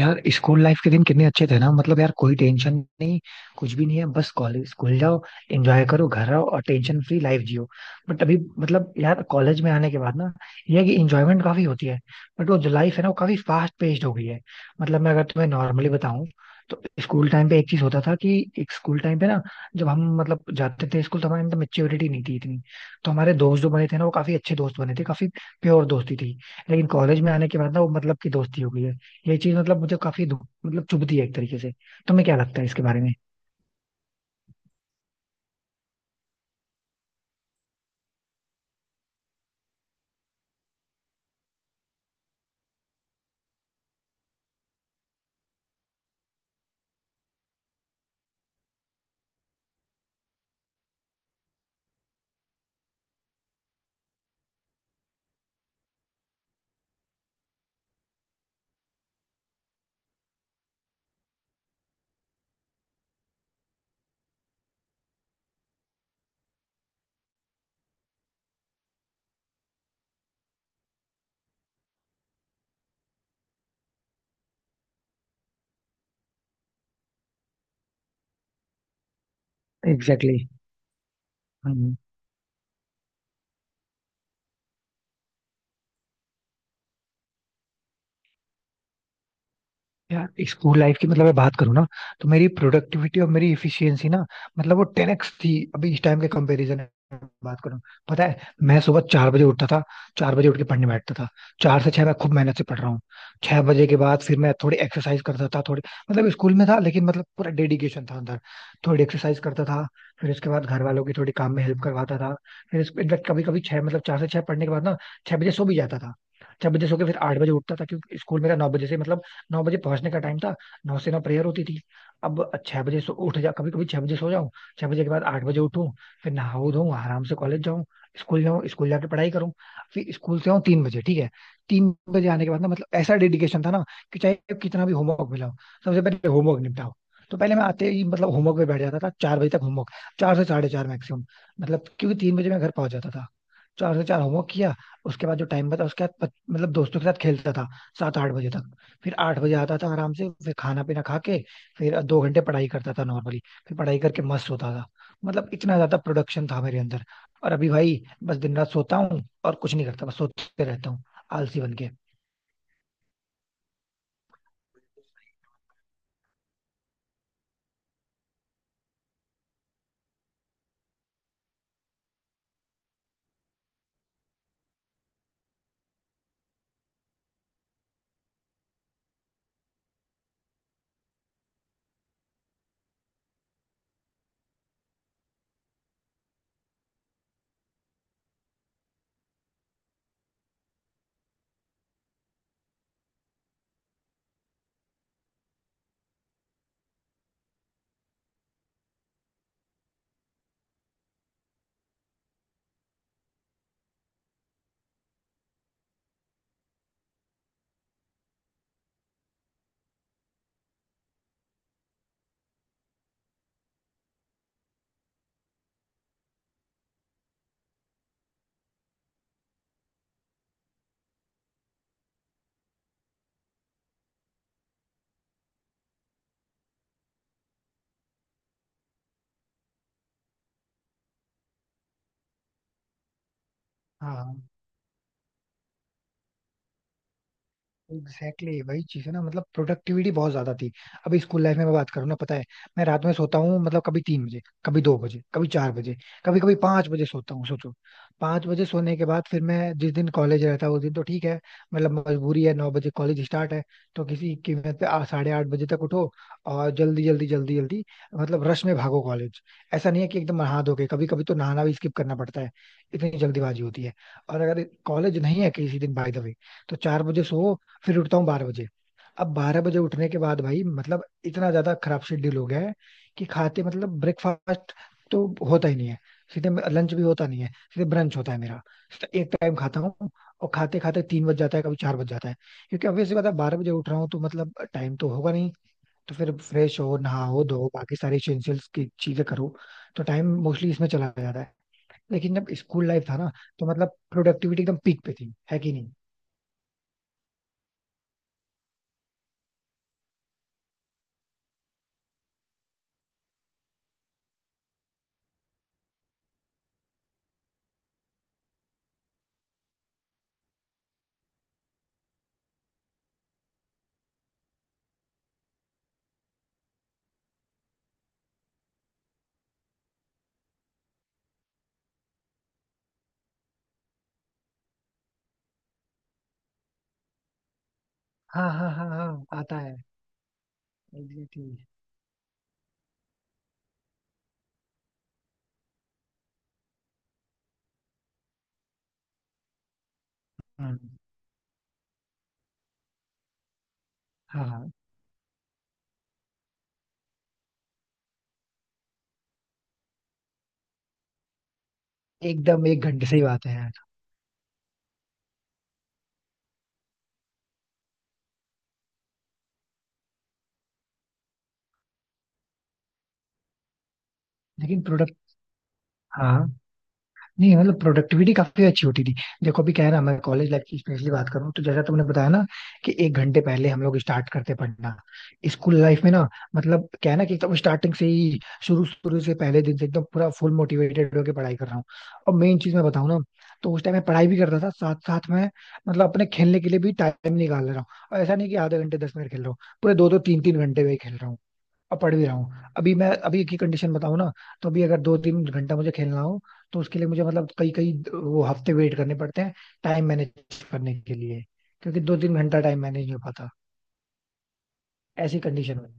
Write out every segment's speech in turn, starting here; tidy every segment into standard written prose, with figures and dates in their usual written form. यार school life के दिन कितने अच्छे थे ना। मतलब यार कोई टेंशन नहीं, कुछ भी नहीं है। बस कॉलेज स्कूल जाओ, एंजॉय करो, घर आओ और टेंशन फ्री लाइफ जियो। बट अभी मतलब यार कॉलेज में आने के बाद ना ये है कि एंजॉयमेंट काफी होती है, बट वो जो लाइफ है ना वो काफी फास्ट पेस्ड हो गई है। मतलब मैं अगर तुम्हें नॉर्मली बताऊं तो स्कूल टाइम पे एक चीज होता था कि एक स्कूल टाइम पे ना जब हम मतलब जाते थे स्कूल तो हमारे अंदर मेच्योरिटी नहीं थी इतनी। तो हमारे दोस्त जो बने थे ना वो काफी अच्छे दोस्त बने थे, काफी प्योर दोस्ती थी। लेकिन कॉलेज में आने के बाद ना वो मतलब की दोस्ती हो गई है। ये चीज मतलब मुझे काफी मतलब चुभती है एक तरीके से। तुम्हें क्या लगता है इसके बारे में? Exactly exactly। हम्म, यार स्कूल लाइफ की मतलब मैं बात करूँ ना तो मेरी प्रोडक्टिविटी और मेरी इफिशियंसी ना मतलब वो 10x थी अभी इस टाइम के कंपैरिजन में बात करूँ। पता है, मैं सुबह चार बजे उठता था। चार बजे उठ के पढ़ने बैठता था। चार से छह मैं खूब मेहनत से पढ़ रहा हूँ। छह बजे के बाद फिर मैं थोड़ी एक्सरसाइज करता था, थोड़ी मतलब स्कूल में था, लेकिन मतलब पूरा डेडिकेशन था अंदर। थोड़ी एक्सरसाइज करता था। फिर उसके बाद घर वालों की थोड़ी काम में हेल्प करवाता था। फिर इनफैक्ट कभी कभी छह मतलब चार से छह पढ़ने के बाद ना छह बजे सो भी जाता था। छह बजे सो के फिर आठ बजे उठता था, क्योंकि स्कूल मेरा नौ बजे से मतलब नौ बजे पहुंचने का टाइम था। नौ से नौ प्रेयर होती थी। अब छह बजे सो उठ जा, कभी कभी छह बजे सो जाऊं, छह बजे के बाद आठ बजे उठूं। फिर नहाऊं धोऊं, आराम से कॉलेज जाऊं, स्कूल जाऊं, स्कूल जाके पढ़ाई करूं। फिर स्कूल से आऊं तीन बजे, ठीक है। तीन बजे आने के बाद ना मतलब ऐसा डेडिकेशन था ना कि चाहे कितना भी होमवर्क मिला हो सबसे पहले होमवर्क निपटाओ। तो पहले मैं आते ही मतलब होमवर्क पे बैठ जाता था, चार बजे तक होमवर्क, चार से 4:30 मैक्सिमम। मतलब क्योंकि तीन बजे मैं घर पहुंच जाता था, चार से चार होमवर्क किया। उसके बाद जो टाइम बचा उसके बाद मतलब दोस्तों के साथ खेलता था सात आठ बजे तक। फिर आठ बजे आता था, आराम से फिर खाना पीना खा के फिर 2 घंटे पढ़ाई करता था नॉर्मली। फिर पढ़ाई करके मस्त होता था। मतलब इतना ज्यादा प्रोडक्शन था मेरे अंदर। और अभी भाई बस दिन रात सोता हूँ और कुछ नहीं करता, बस सोते रहता हूँ आलसी बन के। हाँ, एग्जैक्टली exactly, वही चीज है ना। मतलब प्रोडक्टिविटी बहुत ज्यादा थी। अभी स्कूल लाइफ में मैं बात करूँ ना, पता है मैं रात में सोता हूँ मतलब कभी तीन बजे, कभी दो बजे, कभी चार बजे, कभी कभी पांच बजे सोता हूँ, सोचो। पांच बजे सोने के बाद फिर मैं जिस दिन कॉलेज रहता उस दिन तो ठीक है, मतलब मजबूरी है, नौ बजे कॉलेज स्टार्ट है। तो किसी कीमत पे 8:30 बजे तक उठो और जल्दी जल्दी जल्दी जल्दी मतलब रश में भागो कॉलेज। ऐसा नहीं है कि एकदम नहा धो के, कभी कभी तो नहाना भी स्किप करना पड़ता है। इतनी जल्दीबाजी होती है। और अगर कॉलेज नहीं है किसी दिन बाय द वे, तो चार बजे सो फिर उठता हूँ बारह बजे। अब बारह बजे उठने के बाद भाई मतलब इतना ज्यादा खराब शेड्यूल हो गया है कि खाते मतलब ब्रेकफास्ट तो होता ही नहीं है, सीधे लंच भी होता नहीं है, सीधे ब्रंच होता है मेरा। सीधे एक टाइम खाता हूँ और खाते खाते तीन बज जाता है, कभी चार बज जाता है, क्योंकि ऑब्वियसली बात है बारह बजे उठ रहा हूँ तो मतलब टाइम तो होगा नहीं। तो फिर फ्रेश हो नहाओ धो बाकी सारी इसेंशियल्स की चीजें करो, तो टाइम मोस्टली इसमें चला जाता है। लेकिन जब स्कूल लाइफ था ना तो मतलब प्रोडक्टिविटी एकदम पीक पे थी, है कि नहीं? हाँ हाँ हाँ हाँ आता है, एग्जैक्टली। हाँ हाँ हाँ, एकदम एक घंटे सही बात है यार। लेकिन प्रोडक्ट हाँ हाँ। नहीं मतलब प्रोडक्टिविटी काफी अच्छी होती थी। देखो अभी क्या है ना, मैं कॉलेज लाइफ की स्पेशली बात करूँ तो जैसा तुमने बताया ना कि एक घंटे पहले हम लोग स्टार्ट करते पढ़ना। स्कूल लाइफ में ना मतलब क्या है ना कि एकदम स्टार्टिंग से ही, शुरू शुरू से पहले दिन से एकदम पूरा फुल मोटिवेटेड होकर पढ़ाई कर रहा हूँ। और मेन चीज मैं बताऊँ ना तो उस टाइम मैं पढ़ाई भी करता था साथ साथ में, मतलब अपने खेलने के लिए भी टाइम निकाल रहा हूँ। और ऐसा नहीं कि आधे घंटे 10 मिनट खेल रहा हूँ, पूरे दो दो तीन तीन घंटे में ही खेल रहा हूँ। अब पढ़ भी रहा हूँ। अभी मैं अभी की कंडीशन बताऊँ ना, तो अभी अगर दो तीन घंटा मुझे खेलना हो तो उसके लिए मुझे मतलब कई कई वो हफ्ते वेट करने पड़ते हैं टाइम मैनेज करने के लिए, क्योंकि दो तीन घंटा टाइम मैनेज नहीं हो पाता ऐसी कंडीशन में।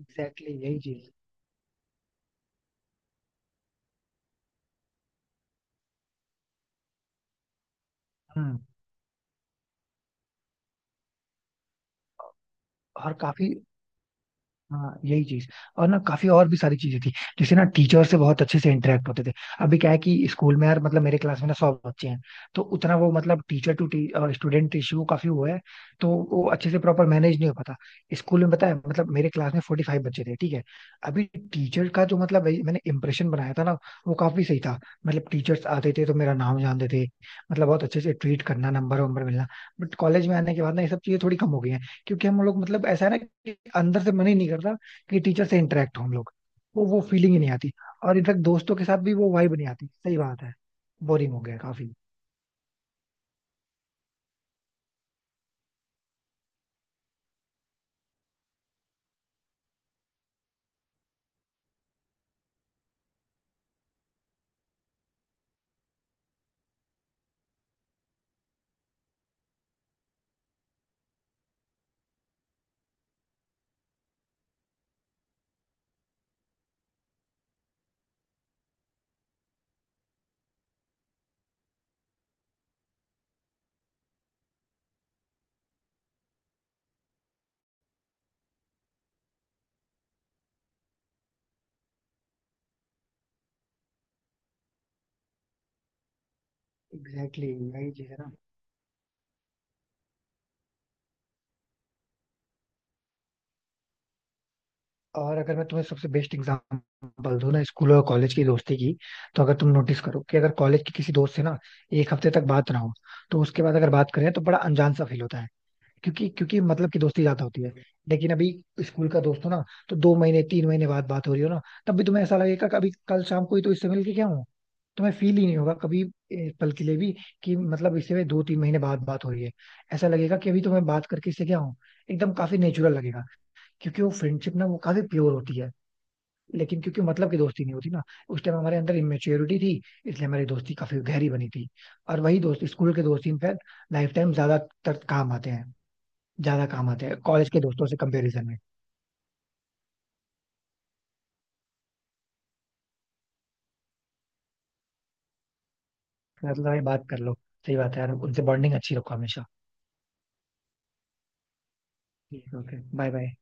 एग्जैक्टली exactly, यही चीज। हम्म। और काफी, हाँ यही चीज। और ना काफी और भी सारी चीजें थी, जैसे ना टीचर से बहुत अच्छे से इंटरेक्ट होते थे। अभी क्या है कि स्कूल में यार मतलब मेरे क्लास में ना 100 बच्चे हैं, तो उतना वो मतलब टीचर टू स्टूडेंट रेशियो काफी हुआ है, तो वो अच्छे से प्रॉपर मैनेज नहीं हो पाता। स्कूल में पता है मतलब मेरे क्लास में 45 बच्चे थे, ठीक है। अभी टीचर का जो मतलब वही मैंने इंप्रेशन बनाया था ना वो काफी सही था। मतलब टीचर्स आते थे तो मेरा नाम जानते थे। मतलब बहुत अच्छे से ट्रीट करना, नंबर वंबर मिलना। बट कॉलेज में आने के बाद ना ये सब चीजें थोड़ी कम हो गई हैं, क्योंकि हम लोग मतलब ऐसा है ना कि अंदर से मन ही नहीं करता कि टीचर से इंटरेक्ट हो हम लोग। वो फीलिंग ही नहीं आती। और इनफैक्ट दोस्तों के साथ भी वो वाइब नहीं आती, सही बात है। बोरिंग हो गया काफी। एग्जैक्टली exactly, यही चीज है ना। और अगर मैं तुम्हें सबसे बेस्ट एग्जांपल दूं ना स्कूल और कॉलेज की दोस्ती की, तो अगर तुम नोटिस करो कि अगर कॉलेज के किसी दोस्त से ना एक हफ्ते तक बात ना हो तो उसके बाद अगर बात करें तो बड़ा अनजान सा फील होता है, क्योंकि क्योंकि मतलब की दोस्ती ज्यादा होती है। लेकिन अभी स्कूल का दोस्त हो ना तो दो महीने तीन महीने बाद बात हो रही हो ना तब भी तुम्हें ऐसा लगेगा कभी कल शाम को ही तो इससे मिल के क्या हूँ। तुम्हें फील ही नहीं होगा कभी। ए, पल के लिए भी कि मतलब इससे दो तीन महीने बाद बात हो रही है, ऐसा लगेगा कि अभी तो मैं बात करके इससे क्या हूँ, एकदम काफी नेचुरल लगेगा क्योंकि वो फ्रेंडशिप ना वो काफी प्योर होती है। लेकिन क्योंकि मतलब की दोस्ती नहीं होती ना, उस टाइम हमारे अंदर इमेच्योरिटी थी इसलिए हमारी दोस्ती काफी गहरी बनी थी। और वही दोस्त स्कूल के दोस्त इनफैक्ट लाइफ टाइम ज्यादातर काम आते हैं, ज्यादा काम आते हैं कॉलेज के दोस्तों से कंपैरिजन में। मतलब भाई बात कर लो, सही बात है यार, उनसे बॉन्डिंग अच्छी रखो हमेशा। ठीक है, ओके बाय बाय।